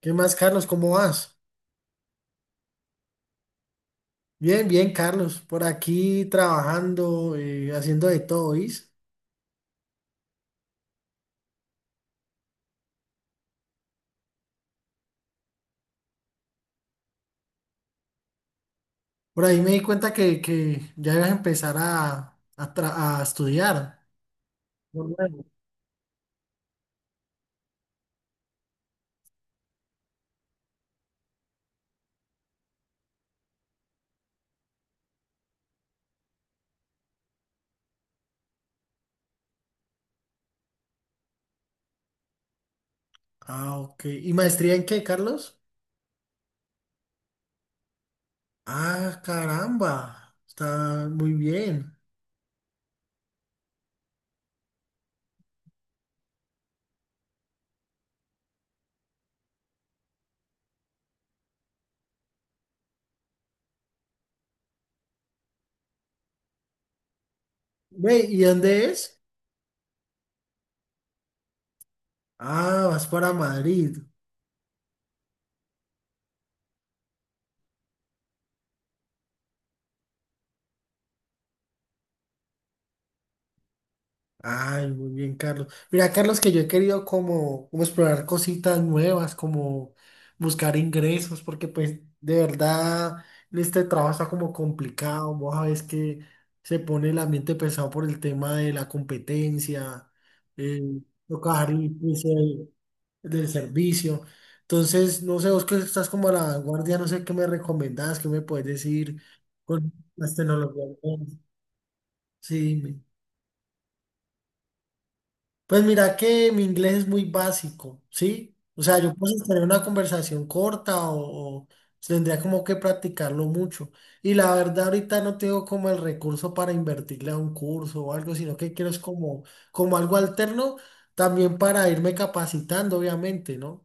¿Qué más, Carlos? ¿Cómo vas? Bien, bien, Carlos. Por aquí trabajando, haciendo de todo, ¿oís? Por ahí me di cuenta que ya ibas a empezar a estudiar. Lo nuevo. Ah, ok. ¿Y maestría en qué, Carlos? Ah, caramba. Está muy bien. Ve, ¿y dónde es? Ah, vas para Madrid. Ay, muy bien, Carlos. Mira, Carlos, que yo he querido como explorar cositas nuevas, como buscar ingresos, porque pues de verdad este trabajo está como complicado. Vos sabés que se pone el ambiente pesado por el tema de la competencia, eh, tocar el precio del, del servicio. Entonces, no sé, vos que estás como a la vanguardia, no sé qué me recomendás, qué me puedes decir con las tecnologías nuevas. Sí, pues mira que mi inglés es muy básico, ¿sí? O sea, yo puedo tener una conversación corta o tendría como que practicarlo mucho. Y la verdad ahorita no tengo como el recurso para invertirle a un curso o algo, sino que quiero es como, como algo alterno también para irme capacitando, obviamente, ¿no?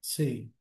Sí.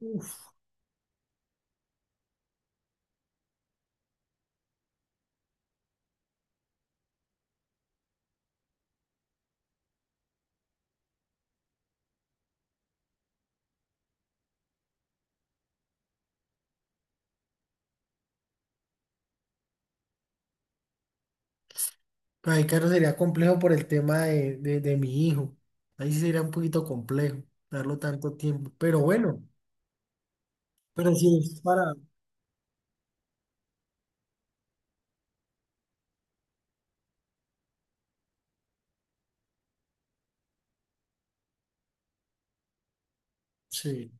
Uf, ahí claro sería complejo por el tema de mi hijo. Ahí sí sería un poquito complejo darlo tanto tiempo. Pero bueno, pero sí es para... Sí.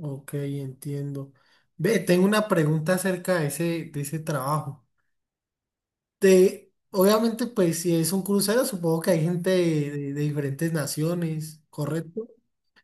Ok, entiendo. Ve, tengo una pregunta acerca de ese trabajo. Obviamente, pues si es un crucero, supongo que hay gente de diferentes naciones, ¿correcto?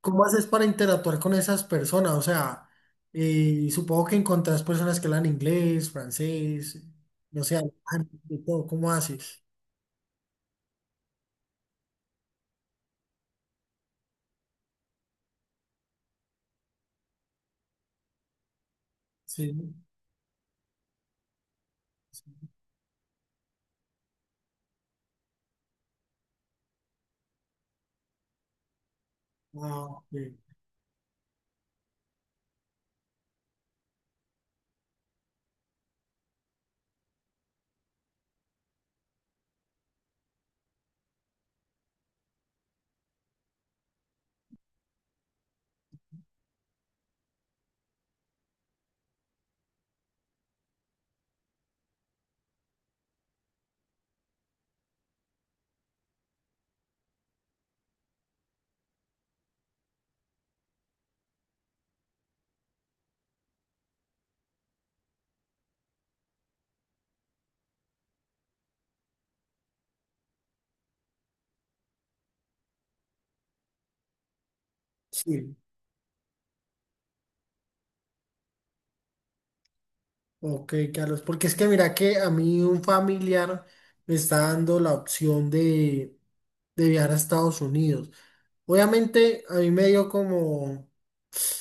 ¿Cómo haces para interactuar con esas personas? O sea, supongo que encontrás personas que hablan inglés, francés, no sé, alemán, de todo. ¿Cómo haces? Sí. Ah, ok. Sí, ok, Carlos, porque es que mira que a mí un familiar me está dando la opción de viajar a Estados Unidos. Obviamente a mí me dio como,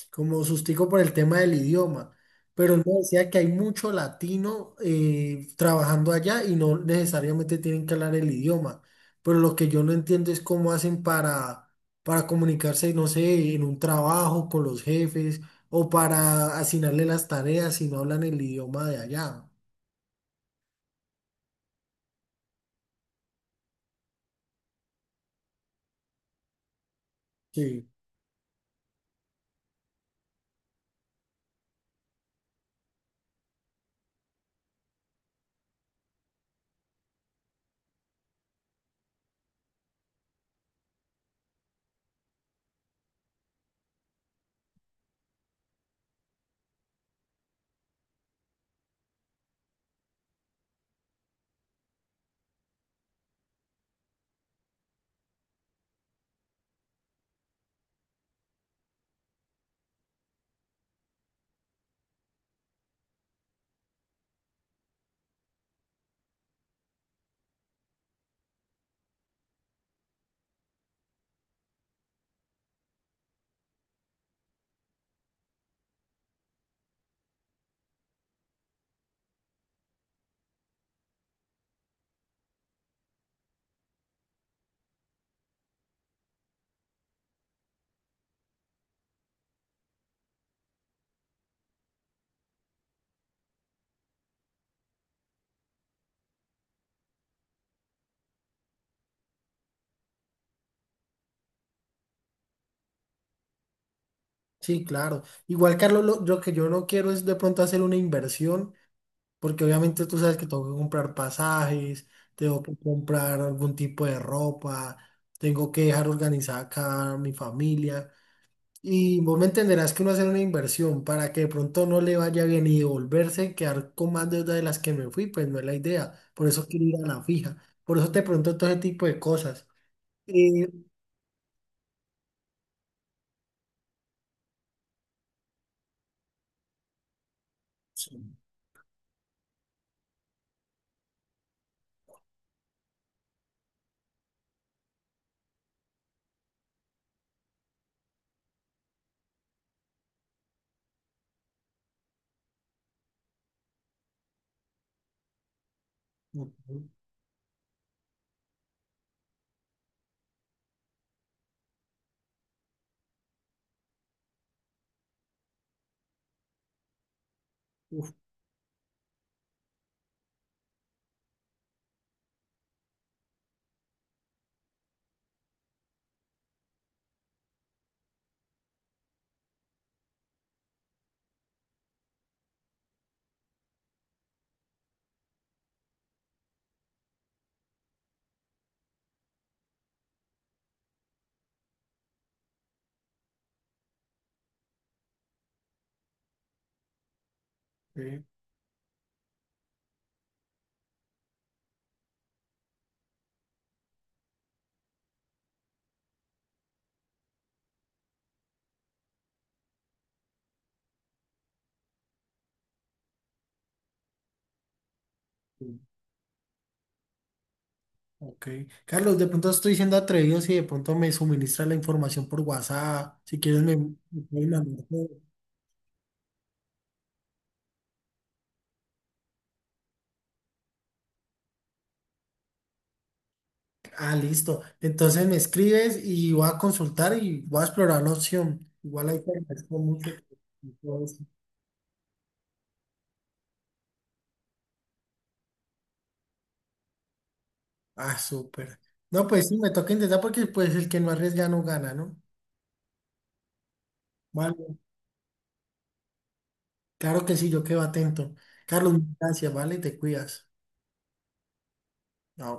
como sustico por el tema del idioma, pero él me decía que hay mucho latino trabajando allá y no necesariamente tienen que hablar el idioma. Pero lo que yo no entiendo es cómo hacen para comunicarse, no sé, en un trabajo con los jefes o para asignarle las tareas si no hablan el idioma de allá. Sí, sí, claro. Igual, Carlos, lo que yo no quiero es de pronto hacer una inversión, porque obviamente tú sabes que tengo que comprar pasajes, tengo que comprar algún tipo de ropa, tengo que dejar organizada acá a mi familia. Y vos me entenderás que uno hacer una inversión para que de pronto no le vaya bien y devolverse, y quedar con más deuda de las que me fui, pues no es la idea. Por eso quiero ir a la fija. Por eso te pregunto todo ese tipo de cosas. Eh, Sí, ok, ok. Ok. Carlos, de pronto estoy siendo atrevido si de pronto me suministra la información por WhatsApp. Si quieres, me puedes mandar todo. Ah, listo. Entonces me escribes y voy a consultar y voy a explorar la opción. Igual ahí te agradezco mucho por todo eso. Ah, súper. No, pues sí, me toca intentar porque pues el que no arriesga no gana, ¿no? Vale. Claro que sí, yo quedo atento. Carlos, gracias, ¿vale? Te cuidas. Chao.